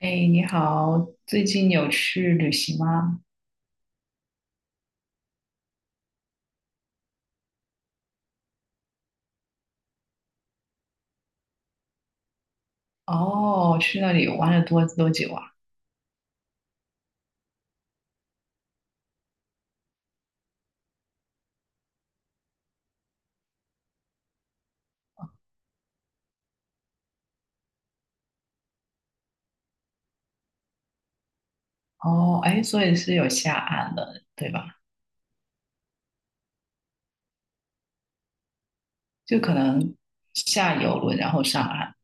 哎，你好，最近有去旅行吗？哦，去那里玩了多久啊？哦，哎，所以是有下岸了，对吧？就可能下游轮然后上岸，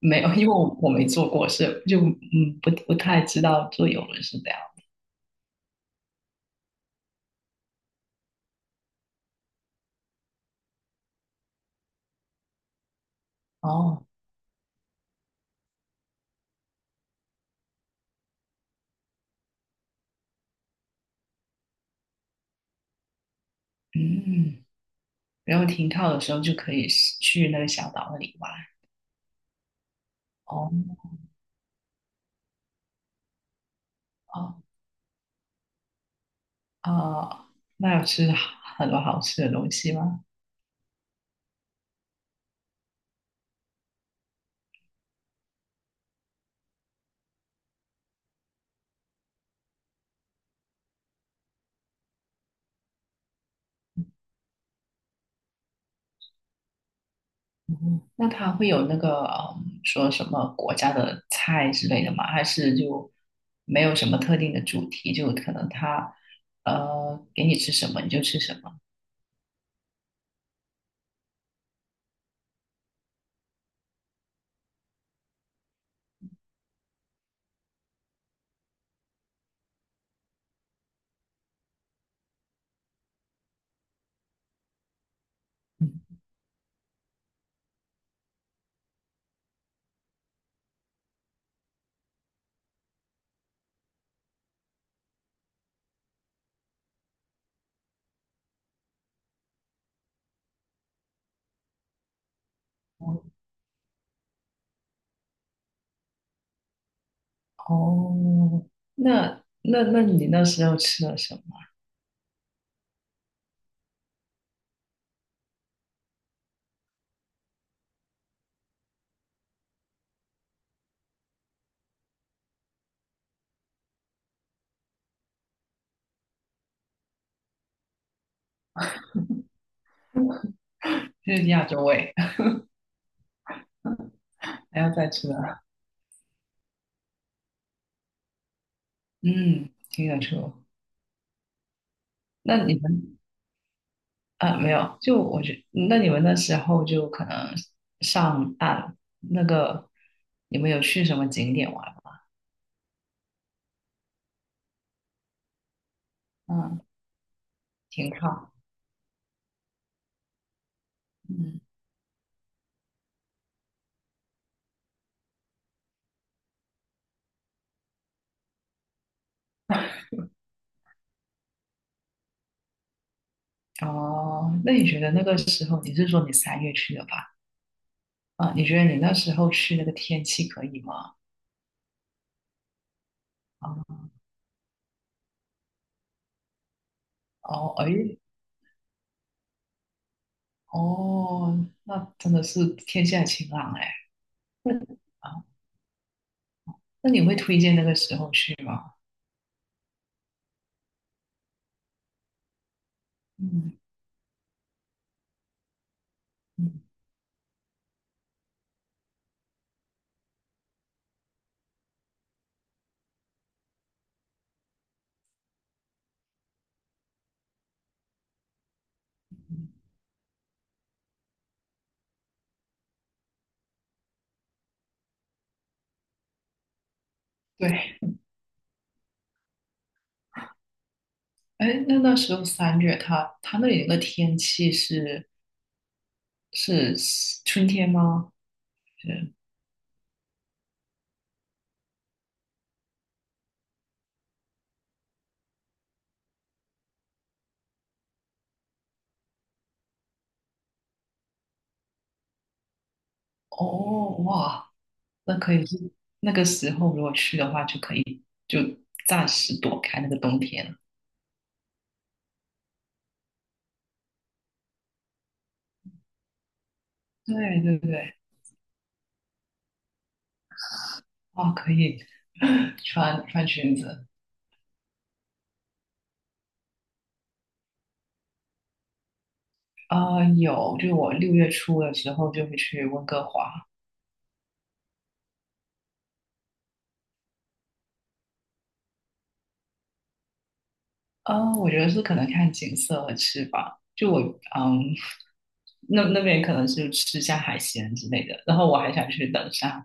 没有，因为我没坐过，是就不太知道坐游轮是这样。哦，嗯，然后停靠的时候就可以去那个小岛那里玩。哦哦哦，那有吃很多好吃的东西吗？那它会有那个说什么国家的菜之类的吗？还是就没有什么特定的主题？就可能它给你吃什么你就吃什么。嗯，哦，那你那时候吃了什么？就是亚洲味，还要再吃啊？嗯，听得出。那你们啊，没有，就我觉那你们那时候就可能上岸那个，你们有去什么景点玩吗？嗯，挺好。嗯，哦，那你觉得那个时候你是说你三月去的吧？啊，你觉得你那时候去那个天气可以吗？啊，哦，哎，哦，那真的是天气还晴朗哎。那啊，那你会推荐那个时候去吗？嗯嗯，对，哎，那那时候三月它，那里那个天气是春天吗？是，哦，哇，那可以是那个时候如果去的话，就可以就暂时躲开那个冬天。对对对，哦，可以 穿穿裙子。啊、有，就我6月初的时候就会去温哥华。啊、我觉得是可能看景色和吃吧。就我嗯，那那边可能是吃下海鲜之类的，然后我还想去登山。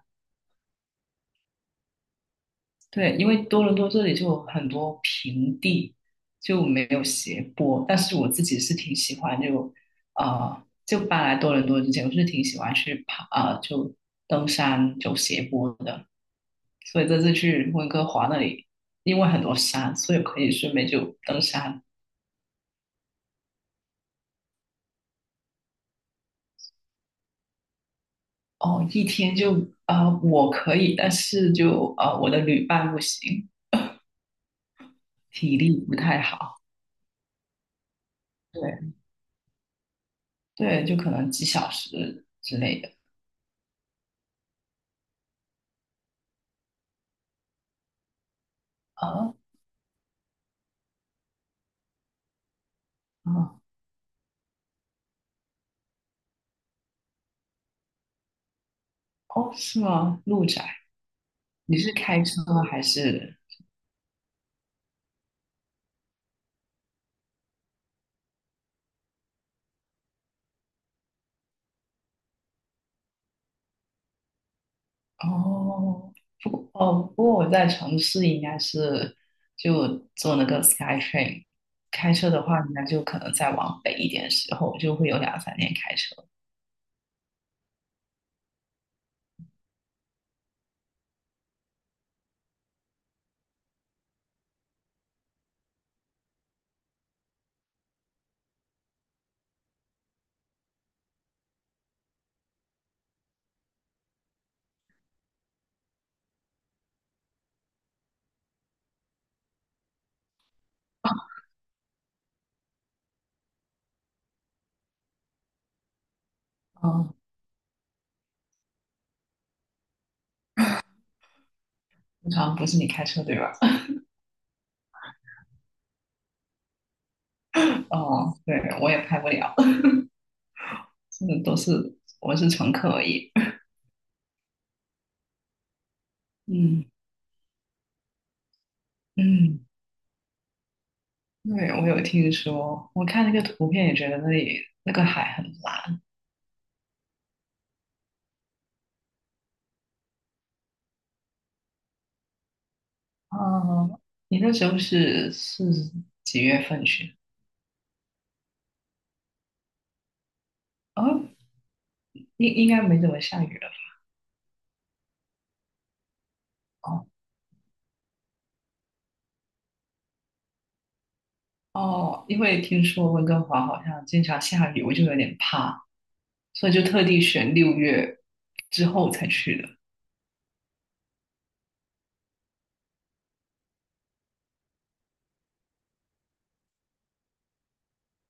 对，因为多伦多这里就有很多平地，就没有斜坡。但是我自己是挺喜欢就搬来多伦多之前，我是挺喜欢去爬，就登山走斜坡的。所以这次去温哥华那里，因为很多山，所以可以顺便就登山。哦，一天就我可以，但是就我的旅伴不行，体力不太好。对对，就可能几小时之类的啊。啊哦，是吗？路窄，你是开车还是？哦，不过我在城市应该是就坐那个 SkyTrain，开车的话，应该就可能再往北一点的时候，就会有两三天开车。哦，通常不是你开车对吧？哦，对，我也开不了，这都是我是乘客而已。嗯嗯，对，我有听说，我看那个图片也觉得那里那个海很蓝。哦，你那时候是几月份去？啊，应该没怎么下雨了。哦哦，因为听说温哥华好像经常下雨，我就有点怕，所以就特地选六月之后才去的。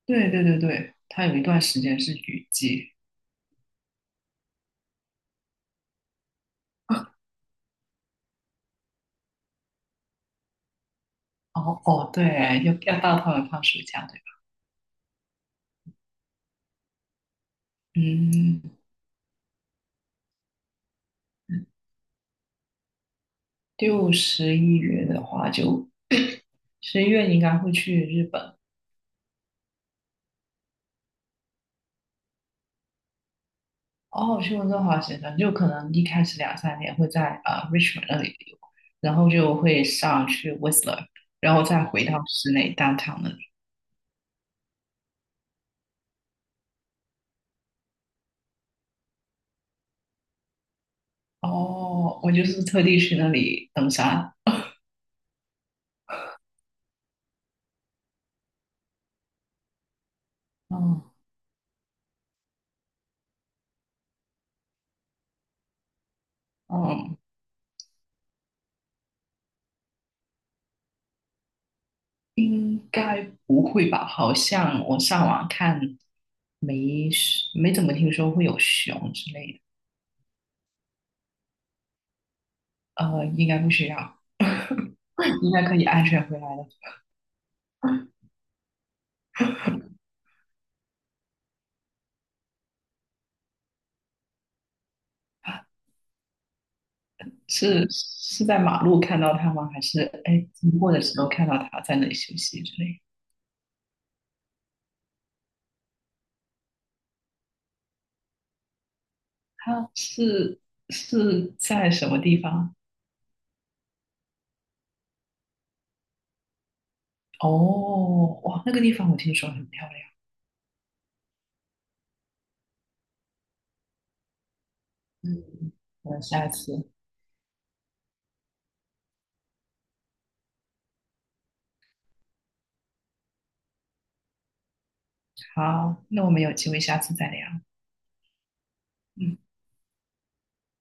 对对对对，它有一段时间是雨季。哦哦，对，要到他们放暑假，对吧？嗯，六十一月的话就，十一月你应该会去日本。哦，休斯顿滑雪生就可能一开始两三年会在Richmond 那里溜，然后就会上去 Whistler，然后再回到室内 downtown 那里。哦，我就是特地去那里登山。嗯嗯，应该不会吧？好像我上网看没没怎么听说会有熊之类的。应该不需要，应该可以安全回来的。是在马路看到他吗？还是哎经过的时候看到他在那里休息之类的？他是是在什么地方？哦，哇，那个地方我听说很漂亮。嗯，我下次。好，那我们有机会下次再聊。嗯。